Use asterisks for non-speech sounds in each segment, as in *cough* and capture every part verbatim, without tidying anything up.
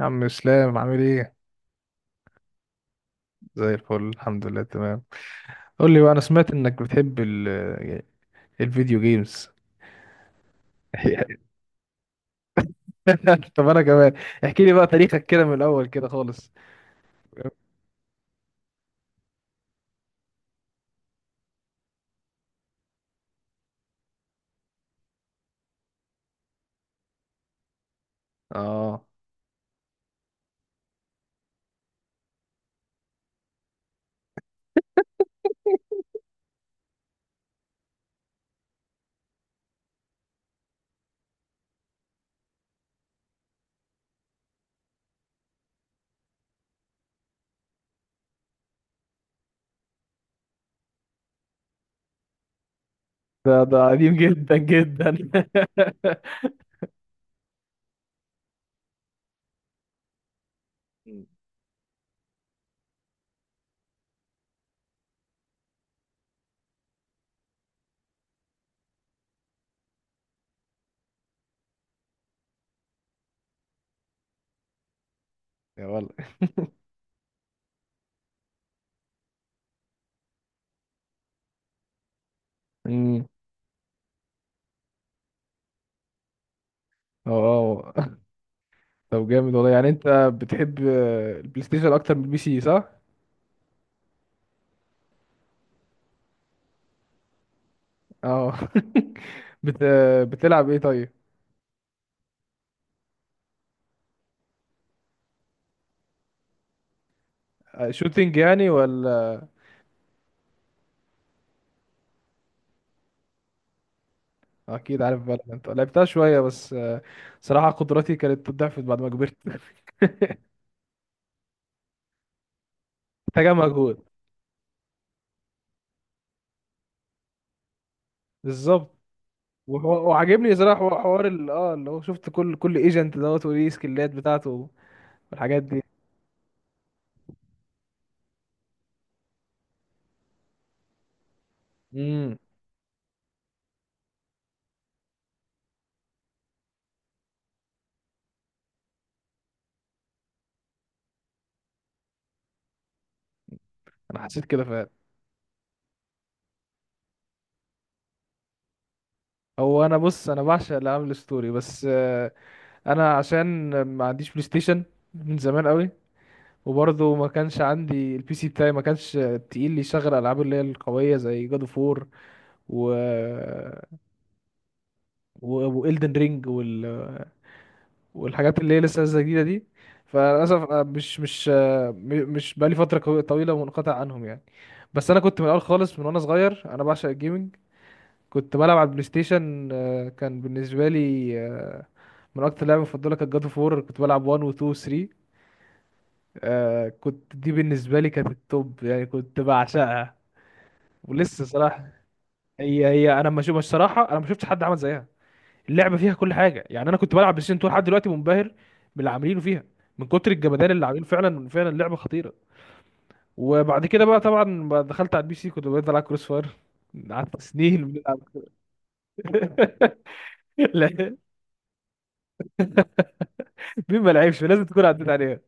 عم اسلام عامل ايه؟ زي الفل الحمد لله تمام. قول لي بقى، انا سمعت انك بتحب ال الفيديو جيمز. *laughs* طب انا كمان، احكي لي بقى تاريخك كده من الاول كده خالص. اه، ده ده قديم جدا جدا. *laughs* يا والله. امم. اه، آه. طب جامد والله، يعني انت بتحب آه، البلاي ستيشن اكتر من البي سي، صح؟ اه. *laughs* بت... بتلعب ايه طيب؟ شوتينج يعني، ولا؟ اكيد عارف فالورانت، لعبتها شويه بس. آه، صراحه قدراتي كانت ضعفت بعد ما كبرت. *laughs* محتاجه مجهود. بالظبط. وهو- وعاجبني صراحه، حو- حوار ال- اه اللي هو شفت كل كل ايجنت دوت وليه سكيلات بتاعته والحاجات دي. امم. انا حسيت كده فعلا. هو انا بص، انا بعشق العاب الستوري بس. آه، انا عشان ما عنديش بلاي ستيشن من زمان قوي، وبرضه ما كانش عندي البي سي بتاعي، ما كانش تقيل لي يشغل العاب اللي هي القويه، زي جاد اوف وور و والدن رينج وال... والحاجات اللي هي لسه نازله جديده دي. فللاسف أنا مش مش آه، م- مش بقالي فتره كو- طويله منقطع عنهم يعني. بس انا كنت من الاول خالص من وانا صغير، انا بعشق الجيمنج. كنت بلعب على البلاي ستيشن، آه، كان بالنسبه لي، آه، من اكتر لعبه مفضله كانت جاد اوف وور، كنت بلعب ون و اتنين و ثري. آه، كنت دي بالنسبه لي كانت التوب يعني، كنت بعشقها. ولسه صراحه، هي هي انا ما شو مش صراحه، انا ما شفتش حد عمل زيها. اللعبه فيها كل حاجه يعني. انا كنت بلعب بلاي ستيشن تو لحد دلوقتي منبهر باللي عاملينه فيها، من كتر الجمدان اللي عاملينه، فعلا فعلا اللعبه خطيره. وبعد كده بقى طبعا بقى دخلت على البي سي، كنت بقيت العب كروس فاير، قعدت سنين بنلعب. *laughs* لا، مين ما لعبش لازم تكون عديت عليها.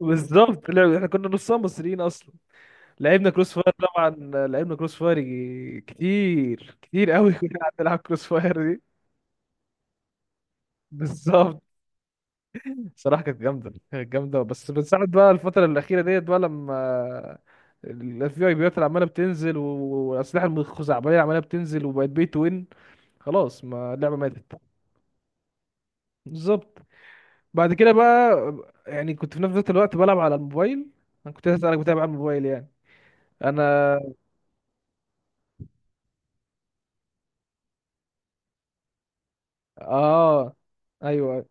بالظبط، لعب احنا كنا نصها مصريين اصلا، لعبنا كروس فاير طبعا. لعبنا كروس فاير يجي- كتير كتير قوي كنا قاعدين نلعب كروس فاير دي. بالظبط. صراحة كانت جامدة كانت جامدة، بس من ساعة بقى الفترة الأخيرة ديت بقى، لما الاف بي اي بيات عمالة بتنزل و- والأسلحة الخزعبلية عمالة بتنزل، وبقت بي تو وين، خلاص ما اللعبة ماتت. بالظبط. بعد كده بقى، يعني كنت في نفس ذات الوقت بلعب على الموبايل. أنا كنت لسه أسألك بتابع على الموبايل يعني. أنا. اه. أيوه.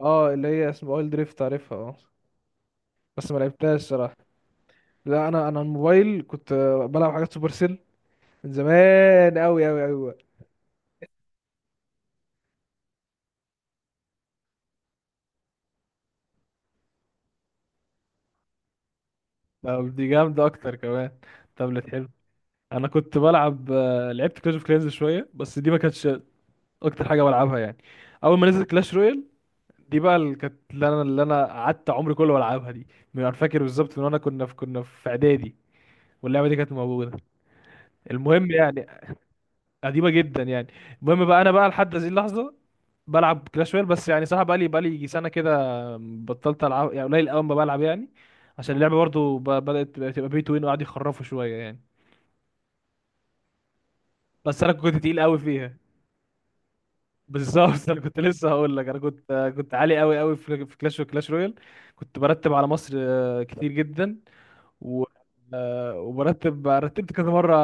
اه، اللي هي اسمها اويل دريفت، عارفها. اه، بس ما لعبتهاش صراحة. لا، أنا أنا الموبايل كنت بلعب حاجات سوبر سيل من زمان أوي أوي أوي. طب دي جامدة أكتر كمان. تابلت حلو. أنا كنت بلعب، آه، لعبت كلاش اوف كلانز شوية، بس دي ما كانتش أكتر حاجة بلعبها يعني. أول ما نزلت كلاش رويال، دي بقى اللي كانت اللي أنا اللي أنا قعدت عمري كله بلعبها دي. من، أنا فاكر بالظبط، من وأنا كنا في كنا في إعدادي واللعبة دي كانت موجودة. المهم يعني، قديمة جدا يعني. المهم بقى، أنا بقى لحد هذه اللحظة بلعب كلاش رويال، بس يعني صراحة بقى لي بقى لي يجي سنة كده بطلت ألعب، يعني قليل أوي ما بلعب يعني، عشان اللعبة برضو ب- بدأت تبقى بي تو وين، وقعدوا يخرفوا شوية يعني. بس انا كنت تقيل قوي فيها. بالظبط. *laughs* انا كنت لسه هقول لك، انا كنت كنت عالي قوي قوي في في كلاش وكلاش رويال. كنت برتب على مصر، آه، كتير جدا. و، آه، وبرتب رتبت كذا مره،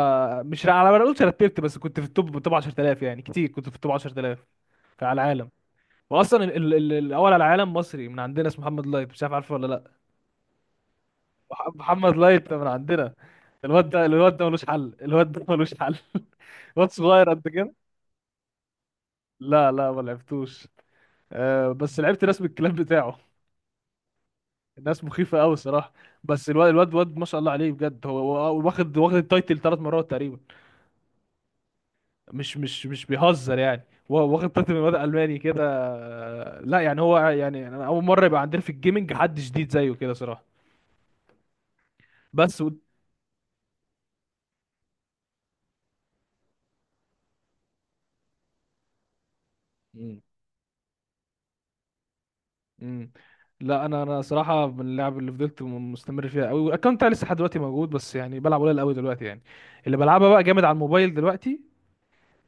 مش على ما اقولش رتبت، بس كنت في التوب توب عشرة آلاف يعني، كتير كنت في التوب عشر آلاف في- على العالم. واصلا ال... ال... ال- الاول على العالم مصري من عندنا اسمه محمد لايت، مش عارف عارفه ولا لا؟ مح- محمد لايت من عندنا، الواد ده، الواد ده ملوش حل، الواد ده ملوش حل. *laughs* واد صغير قد كده. لا لا، ما لعبتوش. آه، بس لعبت ناس من الكلاب بتاعه، الناس مخيفة قوي الصراحة. بس الواد الواد واد ما شاء الله عليه بجد، هو هو واخد واخد التايتل ثلاث مرات تقريبا، مش مش مش بيهزر يعني. هو واخد تايتل من واد ألماني كده، آه، لا يعني هو يعني، أنا أول مرة يبقى عندنا في الجيمنج حد جديد زيه كده صراحة. بس و... مم. مم. لا، انا انا صراحه من اللعب اللي فضلت م- مستمر فيها قوي، والاكونت بتاعي لسه لحد دلوقتي موجود، بس يعني بلعب قليل قوي دلوقتي يعني. اللي بلعبها بقى جامد على الموبايل دلوقتي،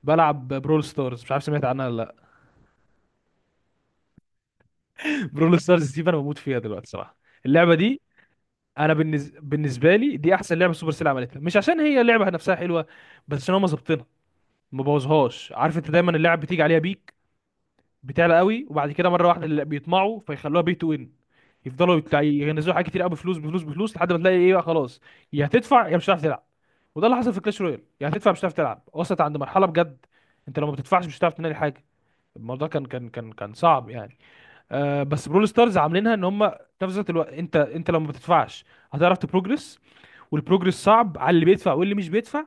بلعب برول ستارز، مش عارف سمعت عنها ولا لا؟ برول ستارز دي انا بموت فيها دلوقتي صراحه، اللعبه دي. انا، بالنز... بالنسبه لي دي احسن لعبه سوبر سيل عملتها، مش عشان هي اللعبه نفسها حلوه، بس ان هم ظابطينها، ما بوظهاش. عارف انت، دايما اللعب بتيجي عليها بيك، بتعلى قوي، وبعد كده مره واحده اللي بيطمعوا فيخلوها بي تو ان، يفضلوا يت- ينزلوا حاجات كتير قوي بفلوس بفلوس بفلوس، لحد ما تلاقي ايه بقى خلاص، يا هتدفع يا مش هتعرف تلعب. وده اللي حصل في كلاش رويال، يا هتدفع مش هتعرف تلعب. وصلت عند مرحله بجد، انت لو ما بتدفعش مش هتعرف تنقل حاجه، الموضوع كان كان كان كان صعب يعني. آه، بس برول ستارز عاملينها ان هم، في نفس الوقت، الو... انت انت لو ما بتدفعش هتعرف تبروجرس، والبروجرس صعب على اللي بيدفع واللي مش بيدفع،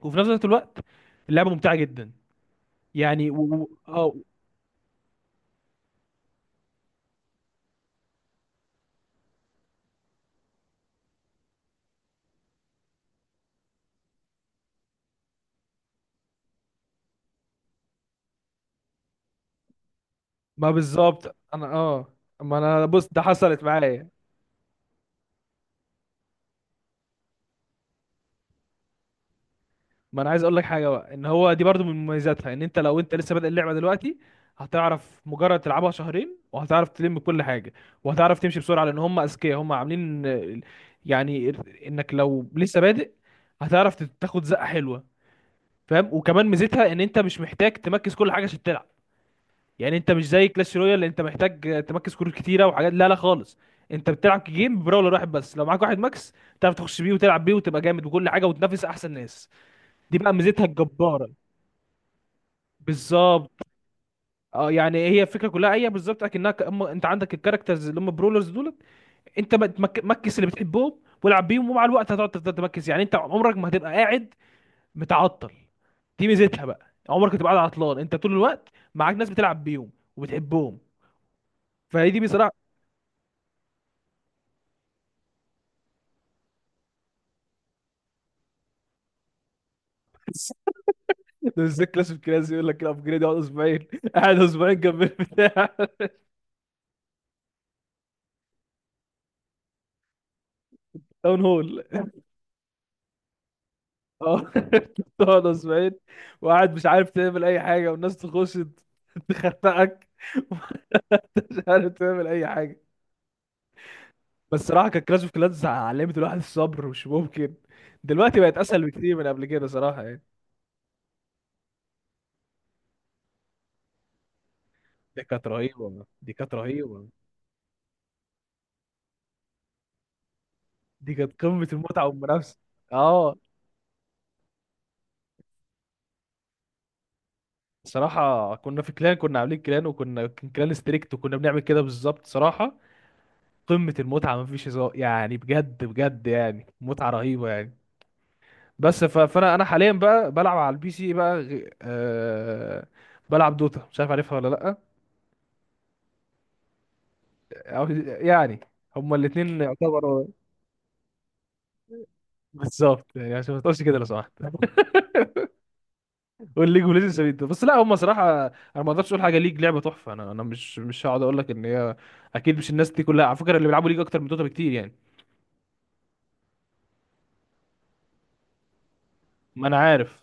وفي نفس الوقت الوقت اللعبه ممتعه جدا يعني و... و... اه. ما بالظبط انا، اه، ما انا بص ده حصلت معايا. ما انا عايز اقول لك حاجه بقى، ان هو دي برضو من مميزاتها، ان انت لو انت لسه بادئ اللعبه دلوقتي، هتعرف مجرد تلعبها شهرين وهتعرف تلم كل حاجه، وهتعرف تمشي بسرعه، لان هم اذكياء، هم عاملين آه، يعني، انك لو لسه بادئ هتعرف تاخد زقه حلوه. فاهم؟ وكمان ميزتها ان انت مش محتاج تمركز كل حاجه عشان تلعب، يعني انت مش زي كلاش رويال اللي انت محتاج تمركز كروت كتيره وحاجات، لا لا خالص. انت بتلعب جيم براولر واحد بس، لو معاك واحد ماكس تعرف تخش بيه وتلعب بيه وتبقى جامد وكل حاجه وتنافس احسن ناس. دي بقى ميزتها الجباره. بالظبط. اه، يعني هي الفكره كلها، هي بالظبط اكنها، ك... أما انت عندك الكاركترز اللي هم برولرز دولت، انت بقى تمك- مكس اللي بتحبهم والعب بيهم، ومع الوقت هتقعد تفضل تمكس، يعني انت عمرك ما هتبقى قاعد متعطل. دي ميزتها بقى، عمرك ما تبقى قاعد عطلان، انت طول الوقت معاك ناس بتلعب بيهم وبتحبهم. فهي دي بصراحه. *laughs* ده ازاي كلاس اوف كلاس يقول لك الابجريد يقعد اسبوعين، قاعد اسبوعين جنب البتاع. *laughs* داون هول. اه. *laughs* تقعد اسبوعين، وقاعد مش عارف تعمل اي حاجه، والناس تخش *laughs* تخنقك، ومش عارف تعمل اي حاجه. بس صراحه كانت كلاش اوف كلانس علمت الواحد الصبر مش ممكن، دلوقتي بقت اسهل بكتير من قبل كده صراحه يعني. دي كانت رهيبه، دي كانت رهيبه، دي كانت قمه المتعه والمنافسه. اه، صراحه كنا في كلان، كنا عاملين كلان، وكنا كان كلان ستريكت، وكنا بنعمل كده بالظبط صراحه. قمه المتعه، مفيش هزار يعني، بجد بجد يعني متعه رهيبه يعني. بس ف- فانا انا حاليا بقى بلعب على البي سي بقى، غ- آه بلعب دوتا، مش عارف عارفها ولا لا؟ أو، يعني هما الاثنين يعتبروا. *laughs* بالظبط، يعني عشان ما تقولش كده لو سمحت. *laughs* والليج اوف ليجندز سبيد، بس لا، هما صراحه، انا ما اقدرش اقول حاجه، ليج لعبه تحفه، انا انا مش مش هقعد اقول لك ان هي، اكيد مش، الناس دي كلها على فكره اللي بيلعبوا ليج اكتر من دوتا بكتير يعني. ما انا عارف،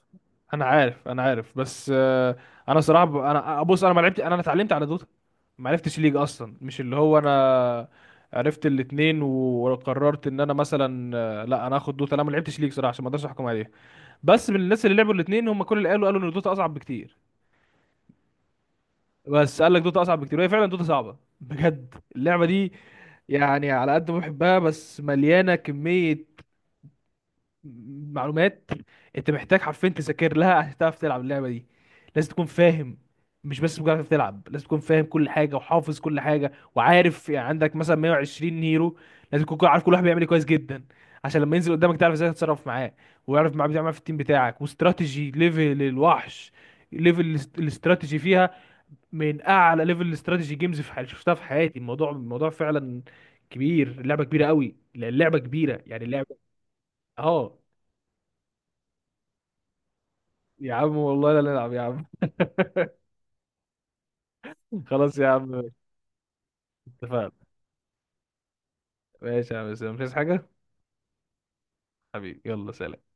انا عارف، انا عارف، بس. آه، انا صراحه، ب... انا بص، انا ما لعبت، انا اتعلمت على دوتا، ما عرفتش ليج اصلا، مش اللي هو انا عرفت الاتنين وقررت ان انا مثلا، آه، لا انا هاخد دوتا، انا ما لعبتش ليج صراحه عشان ما اقدرش احكم عليها. بس من الناس اللي لعبوا الاتنين، هم كل اللي قالوا قالوا ان دوتا اصعب بكتير. بس قال لك دوتا اصعب بكتير، وهي فعلا دوتا صعبه بجد، اللعبه دي، يعني على قد ما بحبها بس مليانه كميه معلومات. انت محتاج حرفيا تذاكر لها عشان تعرف تلعب اللعبه دي، لازم تكون فاهم، مش بس مجرد تلعب. لازم تكون فاهم كل حاجه وحافظ كل حاجه وعارف، يعني عندك مثلا مائة وعشرين هيرو، لازم تكون عارف كل واحد بيعمل ايه كويس جدا، عشان لما ينزل قدامك تعرف ازاي تتصرف معاه، ويعرف معاه بتعمل في التيم بتاعك، واستراتيجي ليفل الوحش. ليفل الاست- الاستراتيجي فيها من اعلى ليفل الاستراتيجي جيمز في حياتي شفتها في حياتي. الموضوع الموضوع فعلا كبير، اللعبه كبيره قوي، اللعبه كبيره، يعني اللعبه. اه، يا عم والله لا نلعب يا عم. *laughs* خلاص يا عم، اتفقنا. ماشي يا عم، مش عايز حاجة. حبيبي يلا سلام.